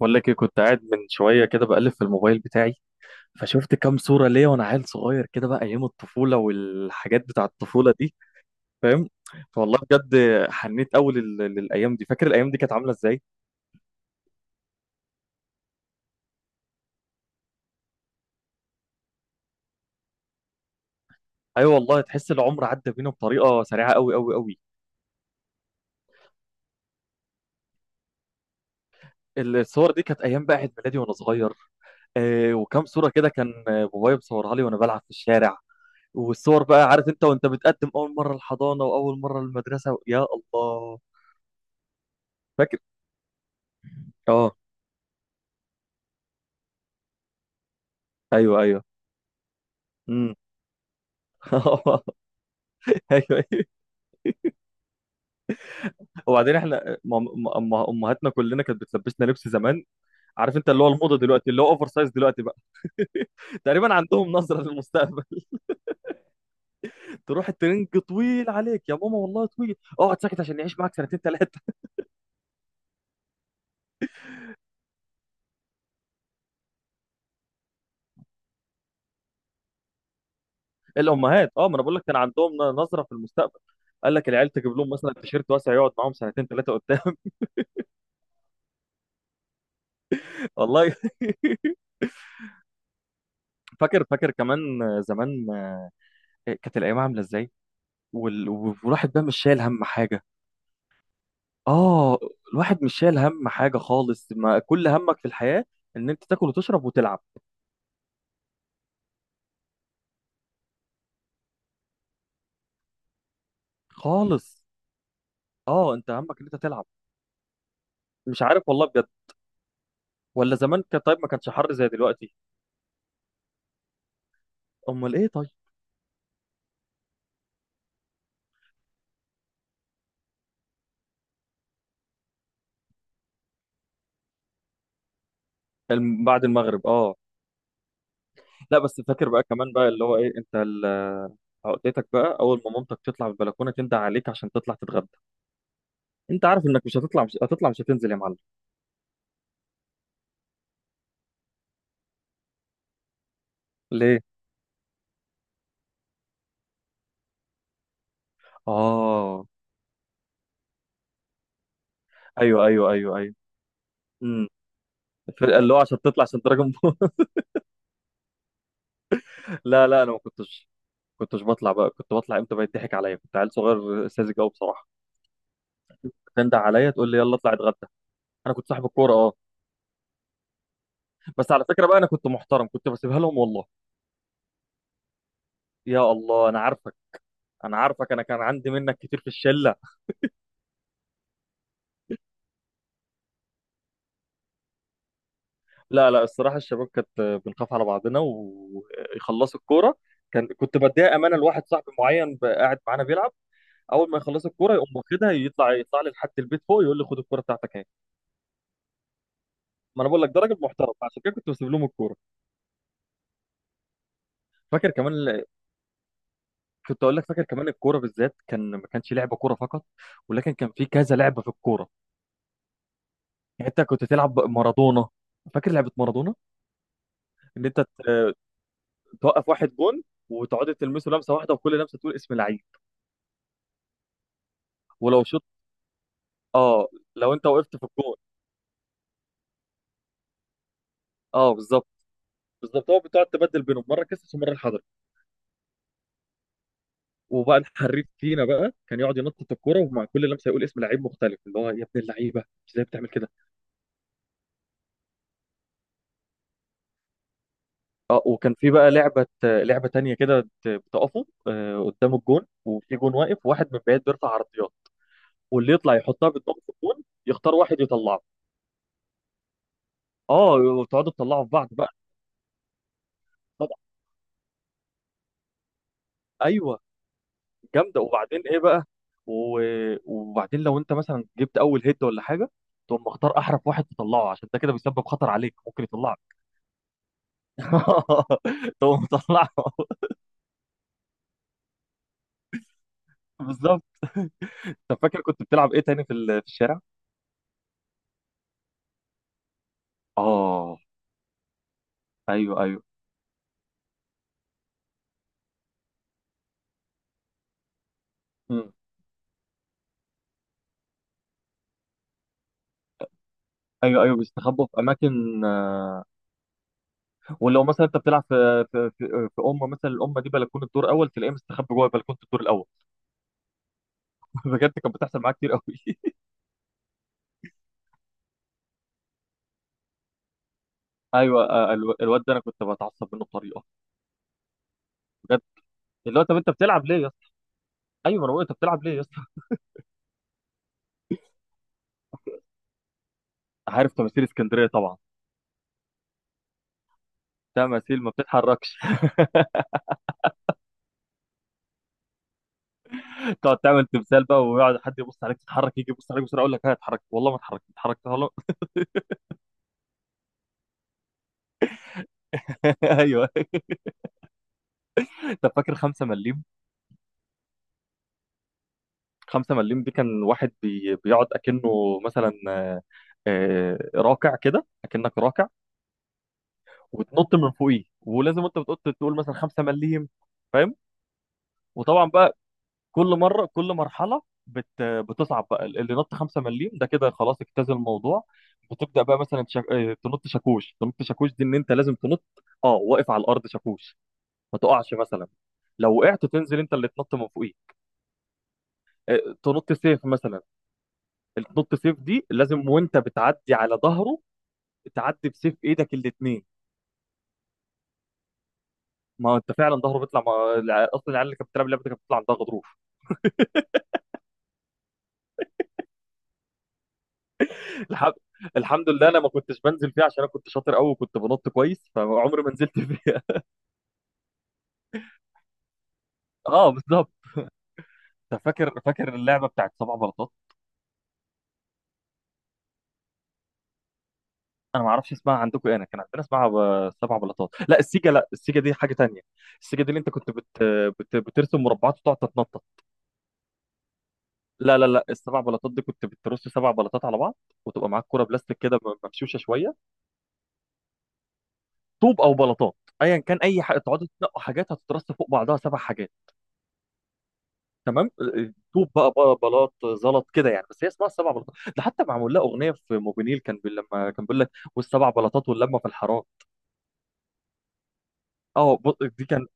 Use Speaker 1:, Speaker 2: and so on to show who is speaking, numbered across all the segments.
Speaker 1: بقول لك ايه؟ كنت قاعد من شويه كده بقلب في الموبايل بتاعي، فشفت كام صوره ليا وانا عيل صغير كده بقى. ايام الطفوله والحاجات بتاع الطفوله دي، فاهم؟ فوالله بجد حنيت قوي للايام دي. فاكر الايام دي كانت عامله ازاي؟ ايوه والله، تحس العمر عدى بينا بطريقه سريعه قوي قوي قوي. الصور دي كانت ايام بقى عيد ميلادي وانا صغير. آه، وكام صوره كده كان، بابايا مصورها لي وانا بلعب في الشارع. والصور بقى عارف انت، وانت بتقدم اول مره الحضانه واول مره المدرسه، يا الله. فاكر. اه، ايوه ايوه. إمم. اه، ايوه ايوه. وبعدين احنا امهاتنا كلنا كانت بتلبسنا لبس زمان. عارف انت، اللي هو الموضه دلوقتي، اللي هو اوفر سايز دلوقتي بقى. تقريبا عندهم نظره للمستقبل. تروح الترنج طويل عليك يا ماما، والله طويل، اقعد ساكت عشان يعيش معاك سنتين ثلاثه. الامهات، اه، ما انا بقول لك كان عندهم نظره في المستقبل. قال لك العيال تجيب لهم مثلا تيشيرت واسع يقعد معاهم سنتين ثلاثه قدام. والله. فاكر كمان زمان. كانت الايام عامله ازاي. والواحد بقى مش شايل هم حاجه، اه، الواحد مش شايل هم حاجه خالص. ما كل همك في الحياه ان انت تاكل وتشرب وتلعب، خالص. اه، انت همك ان انت تلعب. مش عارف والله، بجد. ولا زمان كان طيب، ما كانش حر زي دلوقتي. امال ايه طيب؟ بعد المغرب، اه. لا، بس فاكر بقى كمان بقى اللي هو ايه، انت عقدتك بقى، اول ما مامتك تطلع من البلكونه تندى عليك عشان تطلع تتغدى، انت عارف انك مش هتطلع، مش هتطلع، مش هتنزل يا معلم. ليه؟ اه، ايوه ايوه ايوه ايوه. امم. اللي هو عشان تطلع، عشان تراجع. لا لا، انا ما كنتش بطلع بقى. كنت بطلع امتى بقى يضحك عليا، كنت عيل صغير ساذج قوي بصراحه. تندع عليا تقول لي يلا اطلع اتغدى. انا كنت صاحب الكوره، اه. بس على فكره بقى، انا كنت محترم، كنت بسيبها لهم والله. يا الله، انا عارفك، انا عارفك، انا كان عندي منك كتير في الشله. لا لا، الصراحه الشباب كانت بنخاف على بعضنا ويخلصوا الكوره. كنت بديها امانه لواحد صاحبي معين بقى قاعد معانا بيلعب، اول ما يخلص الكوره يقوم واخدها، يطلع لي لحد البيت فوق، يقول لي خد الكوره بتاعتك اهي. ما انا بقول لك ده راجل محترم، عشان كده كنت بسيب لهم الكوره. فاكر كمان؟ كنت اقول لك فاكر كمان، الكوره بالذات كان ما كانش لعبه كوره فقط، ولكن كان في كذا لعبه في الكوره. يعني انت كنت تلعب مارادونا، فاكر لعبه مارادونا؟ ان انت توقف واحد جون وتقعد تلمسه لمسه واحده، وكل لمسه تقول اسم لعيب. ولو شوط، اه، لو انت وقفت في الجون. اه، بالظبط، بالظبط. هو بتقعد تبدل بينهم، مره كسس ومره الحضري. وبقى الحريف فينا بقى كان يقعد ينطط الكوره، ومع كل لمسه يقول اسم لعيب مختلف، اللي هو يا ابن اللعيبه ازاي بتعمل كده؟ اه، وكان في بقى لعبة تانية كده، بتقفوا قدام الجون، وفي جون واقف، وواحد من بعيد بيرفع عرضيات، واللي يطلع يحطها بدماغه في الجون يختار واحد يطلعه. اه، وتقعدوا تطلعوا في بعض بقى. طبعا. ايوه. جامدة. وبعدين ايه بقى؟ و... وبعدين لو انت مثلا جبت اول هيد ولا حاجة، تقوم مختار احرف واحد تطلعه، عشان ده كده بيسبب خطر عليك، ممكن يطلعك. تقوم مطلعه. بالظبط. طب فاكر كنت بتلعب ايه تاني في في الشارع؟ اه، ايوه ايوه. إمم. ايوه ايوه، بيستخبوا في اماكن، ولو مثلا انت بتلعب في في امه مثلا، الامه دي بلكونه الدور اول، تلاقيه مستخبي جوه بلكونه الدور الاول. بجد، كانت بتحصل معايا كتير قوي. ايوه، الواد ده انا كنت بتعصب منه بطريقه، بجد. اللي هو طب انت بتلعب ليه يا اسطى، ايوه، انا بقول انت بتلعب ليه يا اسطى؟ عارف تماثيل اسكندريه طبعا. تماثيل ما بتتحركش. تقعد تعمل تمثال بقى، ويقعد حد يبص عليك، تتحرك، يجي يبص عليك بسرعه، اقول لك ها، اتحرك والله ما اتحركت، اتحركت والله. ايوه. طب فاكر 5 مليم؟ خمسة مليم دي كان واحد بيقعد أكنه مثلا، راكع كده، أكنك راكع، وتنط من فوقيه. ولازم أنت بتقول، مثلا خمسة مليم، فاهم؟ وطبعا بقى كل كل مرحلة بتصعب بقى. اللي نط خمسة مليم ده كده خلاص اجتاز الموضوع، بتبدأ بقى مثلا، شك... آه، تنط شاكوش. تنط شاكوش دي إن أنت لازم تنط، أه، واقف على الأرض شاكوش، ما تقعش مثلا. لو وقعت تنزل أنت اللي تنط من فوقيه. تنط سيف مثلا. النط سيف دي لازم وانت بتعدي على ظهره، تعدي بسيف ايدك الاثنين. ما انت فعلا ظهره بيطلع، ما... الع- اصلا العيال اللي كانت بتلعب اللعبه دي كانت بتطلع عندها غضروف. الحمد الحمد لله، انا ما كنتش بنزل فيها عشان انا كنت شاطر قوي وكنت بنط كويس، فعمري ما نزلت فيها. اه، بالظبط. انت فاكر اللعبه بتاعت سبع بلاطات؟ انا ما اعرفش اسمها عندكم ايه، انا كان عندنا اسمها سبع بلاطات. لا، السيجا دي حاجه تانية. السيجا دي اللي انت كنت بترسم مربعات وتقعد تتنطط. لا لا لا، السبع بلاطات دي كنت بترص سبع بلاطات على بعض، وتبقى معاك كرة بلاستيك كده ممشوشه شويه. طوب او بلاطات، ايا كان، اي حاجه تقعدوا تنقوا حاجات هتترص فوق بعضها سبع حاجات. تمام، طوب بقى بلاط، زلط كده يعني. بس هي اسمها السبع بلاطات، ده حتى معمول لها اغنيه في موبينيل، كان لما كان بيقول لك والسبع بلاطات واللمه في الحرام. اه، دي كان،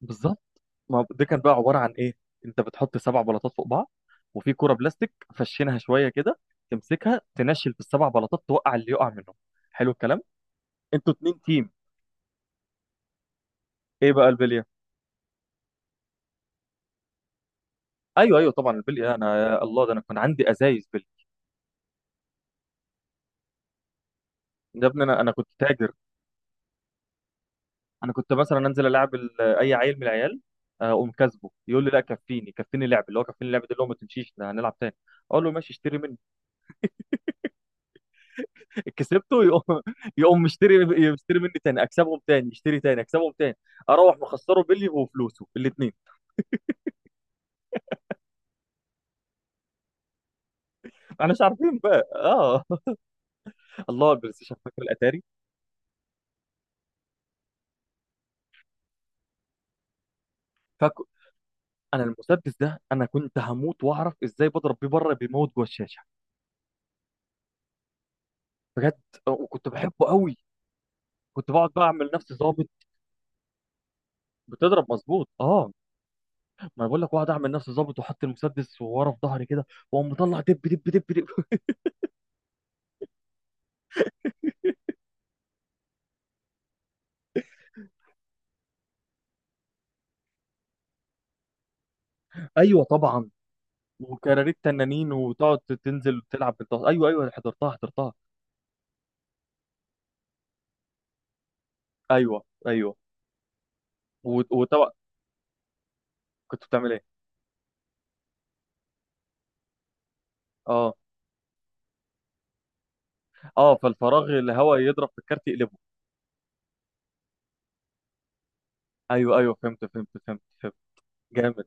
Speaker 1: بالظبط. ما دي كان بقى عباره عن ايه، انت بتحط سبع بلاطات فوق بعض، وفي كرة بلاستيك فشينها شويه كده، تمسكها تنشل في السبع بلاطات، توقع اللي يقع منهم. حلو الكلام. انتوا اتنين تيم. ايه بقى البليه؟ ايوه ايوه، طبعا البليه، انا يا الله، ده انا كان عندي ازايز بليه. يا ابني، انا كنت تاجر. انا كنت مثلا انزل العب اي عيل من العيال، اقوم كاسبه، يقول لي لا كفيني، كفيني لعب، اللي هو كفيني لعب ده اللي هو ما تمشيش ده، هنلعب تاني. اقول له ماشي، اشتري مني. كسبته يقوم، يقوم مشتري، يشتري مني تاني، اكسبهم تاني، يشتري تاني، اكسبهم تاني. اروح مخسره بلي وفلوسه الاثنين. احنا مش عارفين بقى، اه. الله، البلاي ستيشن. فاكر الاتاري؟ فاكر. انا المسدس ده، انا كنت هموت واعرف ازاي بضرب بيه بره بيموت جوه الشاشه. بجد. وكنت بحبه قوي. كنت بقعد بقى اعمل نفسي ظابط. بتضرب مظبوط، اه. ما انا بقول لك، بقعد اعمل نفسي ظابط واحط المسدس ورا في ظهري كده، واقوم مطلع دب دب دب دب. ايوه. طبعا. وكراريت تنانين، وتقعد تنزل تلعب بالطاقه. ايوه ايوه، حضرتها، حضرتها. ايوه ايوه، وطبعا كنت بتعمل ايه؟ اه. اه، فالفراغ الهواء يضرب في الكارت يقلبه. ايوه ايوه، فهمت فهمت فهمت فهمت. جامد.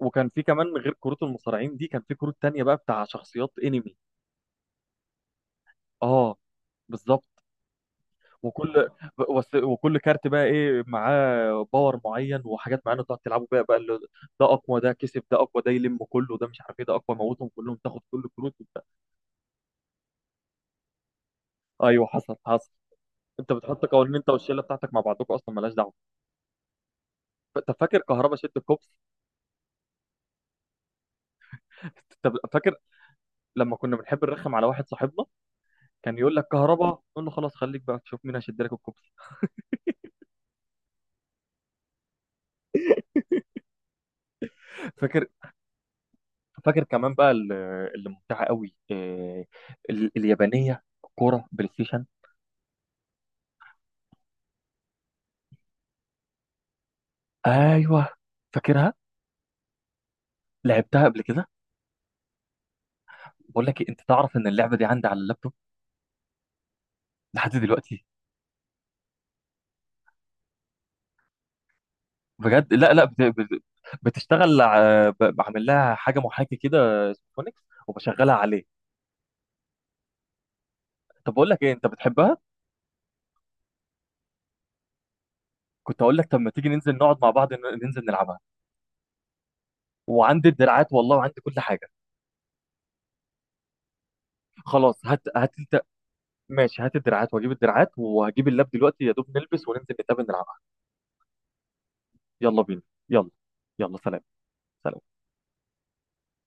Speaker 1: وكان في كمان، غير كروت المصارعين دي كان في كروت تانية بقى بتاع شخصيات انمي. اه، بالظبط. وكل وكل كارت بقى ايه معاه باور معين وحاجات معينه تقعد تلعبوا بيها بقى، اللي ده اقوى، ده كسب، ده اقوى، ده يلم كله، ده مش عارف ايه، ده اقوى موتهم كلهم تاخد كل الكروت وبتاع. ايوه، حصل حصل. انت بتحط قوانين انت والشله بتاعتك مع بعضكم، اصلا مالهاش دعوه. طب فاكر كهربا شد الكوبس؟ طب فاكر لما كنا بنحب نرخم على واحد صاحبنا، كان يقول لك كهربا، نقول له خلاص خليك بقى تشوف مين هيشد لك الكوبس. فاكر. فاكر كمان بقى اللي ممتعه قوي، اليابانيه، كوره بلاي ستيشن. ايوه، فاكرها، لعبتها قبل كده. بقول لك إيه، انت تعرف ان اللعبه دي عندي على اللابتوب لحد دلوقتي؟ بجد. لا لا، بتشتغل، بعمل لها حاجه محاكي كده، سيمفونيكس، وبشغلها عليه. طب بقول لك ايه، انت بتحبها؟ كنت اقول لك طب ما تيجي ننزل نقعد مع بعض، ننزل نلعبها. وعندي الدراعات والله، وعندي كل حاجه. خلاص هات هات انت. ماشي، هات الدراعات واجيب الدراعات، وهجيب اللاب دلوقتي، يا دوب نلبس وننزل نتقابل نلعب. يلا بينا. يلا. يلا سلام. سلام.